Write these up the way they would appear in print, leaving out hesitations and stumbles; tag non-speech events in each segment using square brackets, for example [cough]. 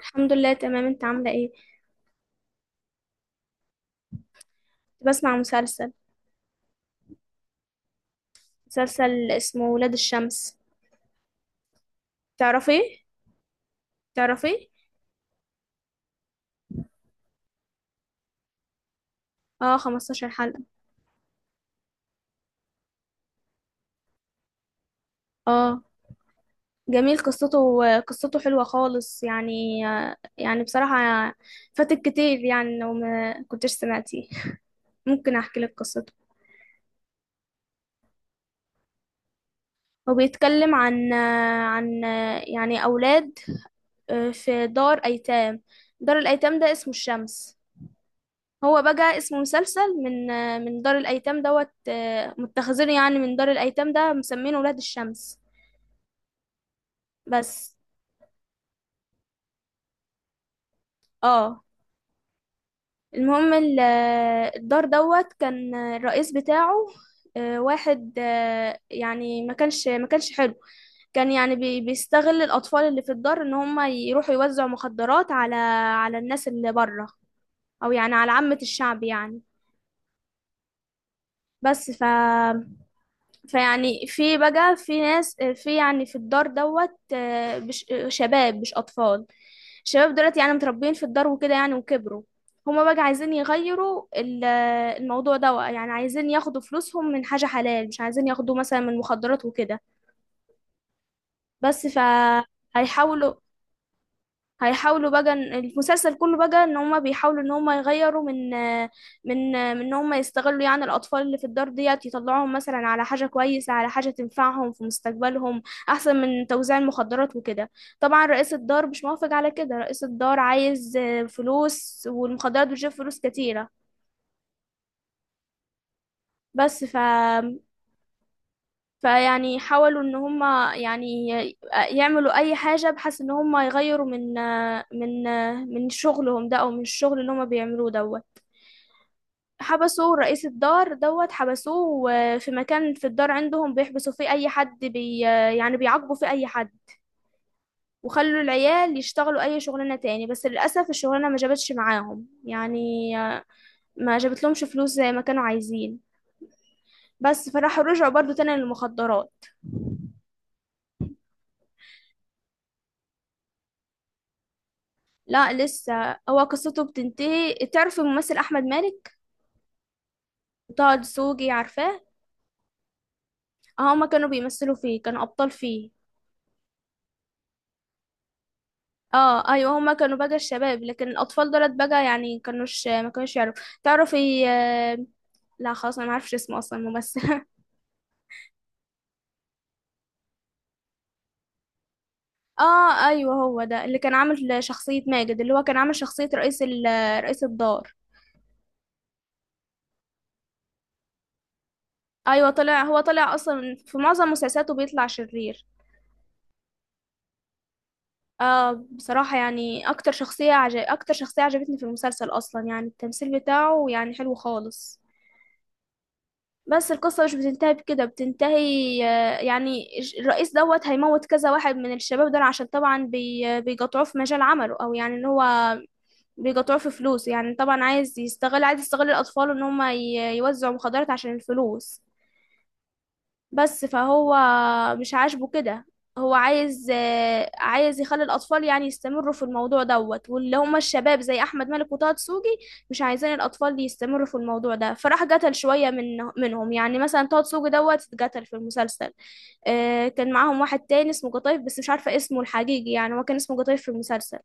الحمد لله، تمام. انت عاملة ايه؟ كنت بسمع مسلسل. مسلسل اسمه ولاد الشمس. تعرفي تعرفي. اه، 15 حلقة. اه، جميل قصته. قصته حلوة خالص، يعني يعني بصراحة. فاتك كتير، يعني لو ما كنتش سمعتيه. ممكن احكي لك قصته. هو بيتكلم عن يعني اولاد، في دار ايتام. دار الايتام ده اسمه الشمس. هو بقى اسمه مسلسل من دار الايتام دوت، متخذين يعني من دار الايتام ده، مسمينه ولاد الشمس. بس. اه. المهم الدار دوت كان الرئيس بتاعه واحد، يعني ما كانش حلو. كان يعني بيستغل الاطفال اللي في الدار، ان هم يروحوا يوزعوا مخدرات على الناس اللي بره، او يعني على عامة الشعب يعني. بس. فيعني في بقى في ناس، في يعني في الدار دوت، شباب مش أطفال. الشباب دولت يعني متربيين في الدار، وكده يعني وكبروا. هما بقى عايزين يغيروا الموضوع ده، يعني عايزين ياخدوا فلوسهم من حاجة حلال، مش عايزين ياخدوا مثلا من مخدرات وكده. بس فهيحاولوا. هيحاولوا بقى إن- المسلسل كله بقى ان هما بيحاولوا ان هما يغيروا من ان هما يستغلوا يعني الاطفال اللي في الدار ديت، يطلعوهم مثلا على حاجة كويسة، على حاجة تنفعهم في مستقبلهم، احسن من توزيع المخدرات وكده. طبعا رئيس الدار مش موافق على كده. رئيس الدار عايز فلوس، والمخدرات بتجيب فلوس كتيرة. بس. فيعني حاولوا ان هما يعني يعملوا اي حاجة، بحيث ان هما يغيروا من من شغلهم ده، او من الشغل اللي هما بيعملوه ده. حبسوا رئيس الدار دوت، حبسوه في مكان في الدار عندهم بيحبسوا فيه اي حد، بي آه، يعني بيعاقبوا فيه اي حد. وخلوا العيال يشتغلوا اي شغلانة تاني، بس للأسف الشغلانة ما جابتش معاهم يعني. آه، ما جابتلهمش فلوس زي ما كانوا عايزين. بس فراحوا رجعوا برضو تاني للمخدرات. لا، لسه. هو قصته بتنتهي. تعرف الممثل أحمد مالك، طه دسوقي، عارفاه. هما كانوا بيمثلوا فيه، كانوا أبطال فيه. اه، ايوه. هما كانوا بقى الشباب، لكن الاطفال دولت بقى يعني ما كانوش يعرفوا تعرفي. لا خلاص. انا ما اعرفش اسمه اصلا الممثل [laughs] اه، ايوه. هو ده اللي كان عامل شخصية ماجد، اللي هو كان عامل شخصية رئيس رئيس الدار. ايوه، طلع. هو طلع اصلا في معظم مسلسلاته بيطلع شرير. اه، بصراحة يعني اكتر شخصية عجبتني في المسلسل اصلا. يعني التمثيل بتاعه يعني حلو خالص. بس القصة مش بتنتهي بكده، بتنتهي يعني الرئيس دوت هيموت كذا واحد من الشباب دول، عشان طبعا بيقطعوه في مجال عمله، او يعني ان هو بيقطعوه في فلوس. يعني طبعا عايز يستغل الاطفال ان هم يوزعوا مخدرات عشان الفلوس. بس فهو مش عاجبه كده. هو عايز يخلي الأطفال يعني يستمروا في الموضوع دوت، واللي هم الشباب زي أحمد مالك وطه دسوقي، مش عايزين الأطفال يستمروا في الموضوع ده. فراح قتل شوية منهم. يعني مثلا طه دسوقي دوت اتقتل في المسلسل. كان معاهم واحد تاني اسمه قطايف، بس مش عارفة اسمه الحقيقي، يعني هو كان اسمه قطايف في المسلسل.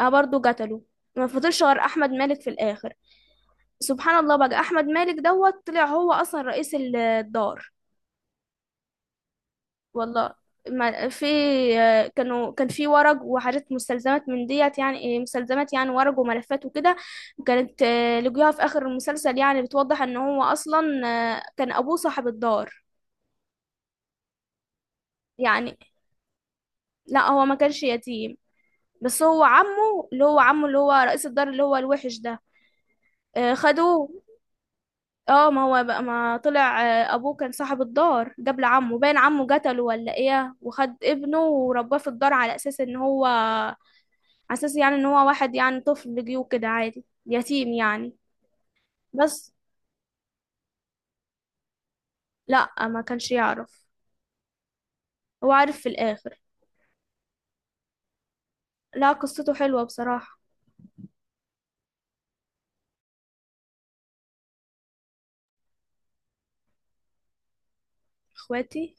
اه، برضه قتله. ما فضلش غير أحمد مالك في الآخر. سبحان الله بقى، أحمد مالك دوت طلع هو أصلا رئيس الدار. والله ما في، كان في ورق وحاجات، مستلزمات من ديت، يعني مستلزمات يعني ورق وملفات وكده. كانت لقوها في آخر المسلسل، يعني بتوضح ان هو اصلا كان ابوه صاحب الدار. يعني لا، هو ما كانش يتيم. بس هو عمه، اللي هو عمه اللي هو رئيس الدار اللي هو الوحش ده. خدوه. اه، ما هو بقى ما طلع ابوه كان صاحب الدار قبل عمه، باين عمه قتله ولا ايه، وخد ابنه ورباه في الدار على اساس ان هو، على اساس يعني ان هو واحد يعني طفل جه كده عادي يتيم يعني. بس لا، ما كانش يعرف. هو عارف في الاخر. لا، قصته حلوة بصراحة. اخواتي.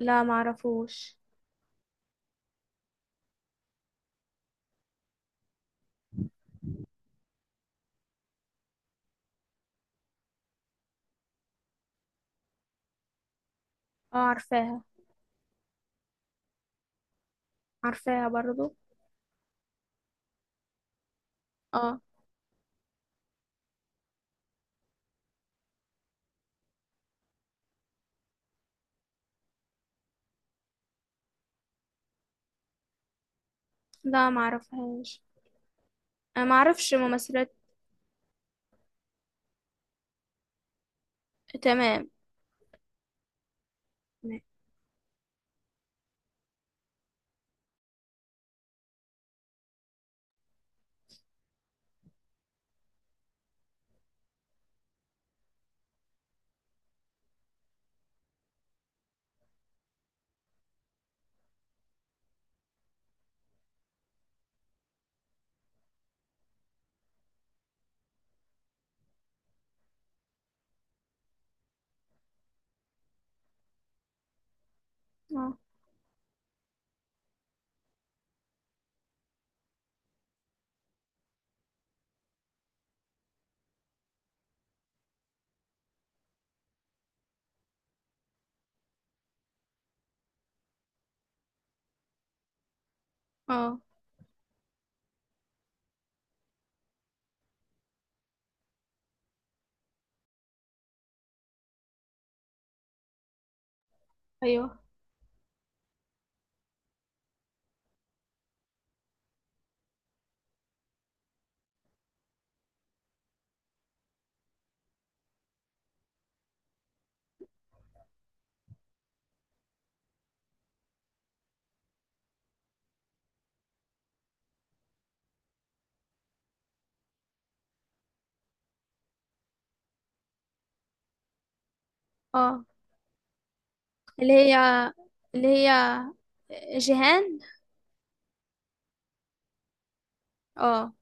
لا، ما اعرفوش. اه، عارفاها. عارفاها برضو. اه، لا، ما اعرفهاش. انا ما اعرفش ممثلات. تمام. اه، اه، ايوه. اه، اللي هي اللي هي جيهان. اه،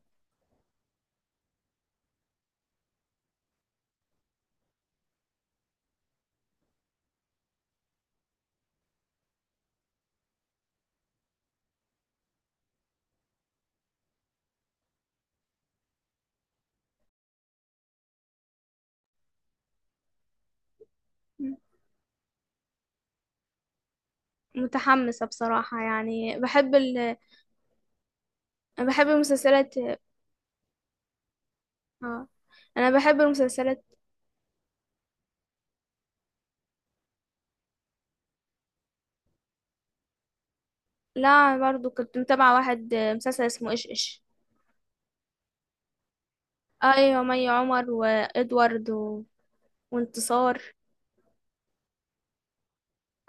متحمسة بصراحة. يعني بحب بحب المسلسلات. اه، انا بحب المسلسلات. لا، أنا برضو كنت متابعة واحد، مسلسل اسمه ايش ايش. ايوه، مي عمر وادوارد وانتصار.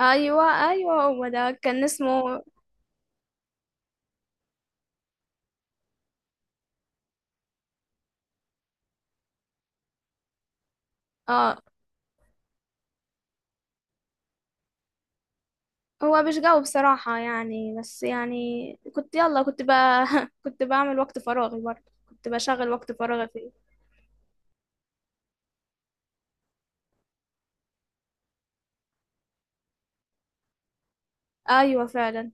ايوه، ايوه. هو ده كان اسمه. اه، هو مش جاوب بصراحة يعني. بس يعني كنت، يلا كنت [laughs] كنت بعمل وقت فراغي برضه. كنت بشغل وقت فراغي فيه. ايوه، فعلا.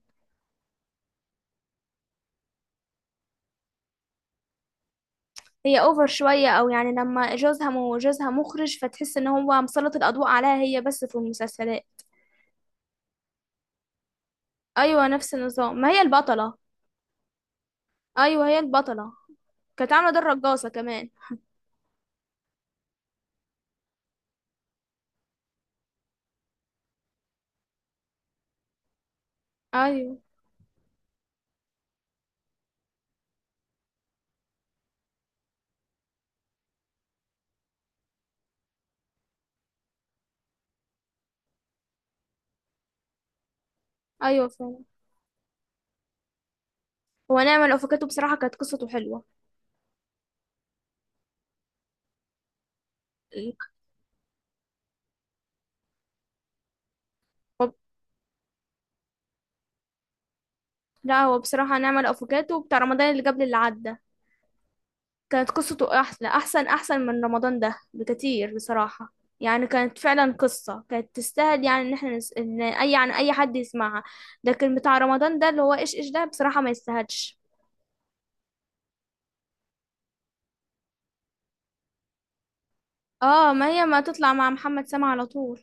هي اوفر شوية، او يعني لما جوزها، مو جوزها مخرج، فتحس ان هو مسلط الاضواء عليها هي بس في المسلسلات. ايوه، نفس النظام، ما هي البطلة. ايوه، هي البطله. كانت عامله دور رقاصه كمان. ايوه، ايوه، فعلا. هو نعمل الافوكاتو بصراحه كانت قصته حلوه. هو- لا، هو بصراحه نعمل الافوكاتو بتاع رمضان اللي قبل اللي عدى كانت قصته احلى. احسن من رمضان ده بكتير بصراحه. يعني كانت فعلا قصه كانت تستاهل. يعني ان احنا ان اي حد يسمعها. لكن بتاع رمضان ده اللي هو ايش ايش ده بصراحه ما يستاهلش. اه، ما هي ما تطلع مع محمد سامع على طول.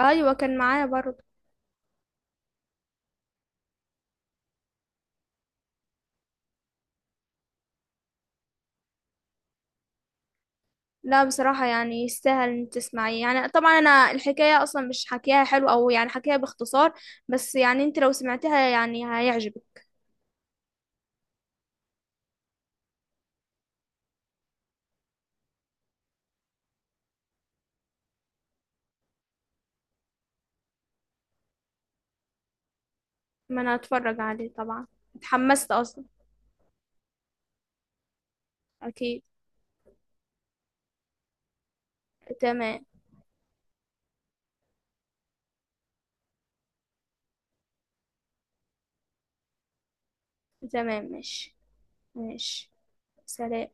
ايوه، كان معايا برضه. لا، بصراحة يعني يستاهل ان تسمعيه. يعني طبعا انا الحكاية اصلا مش حكيها حلو، او يعني حكيها باختصار، بس يعني انت لو سمعتها يعني هيعجبك. ما انا اتفرج عليه طبعا. اتحمست اصلا. اكيد. تمام. تمام، ماشي. ماشي. سلام.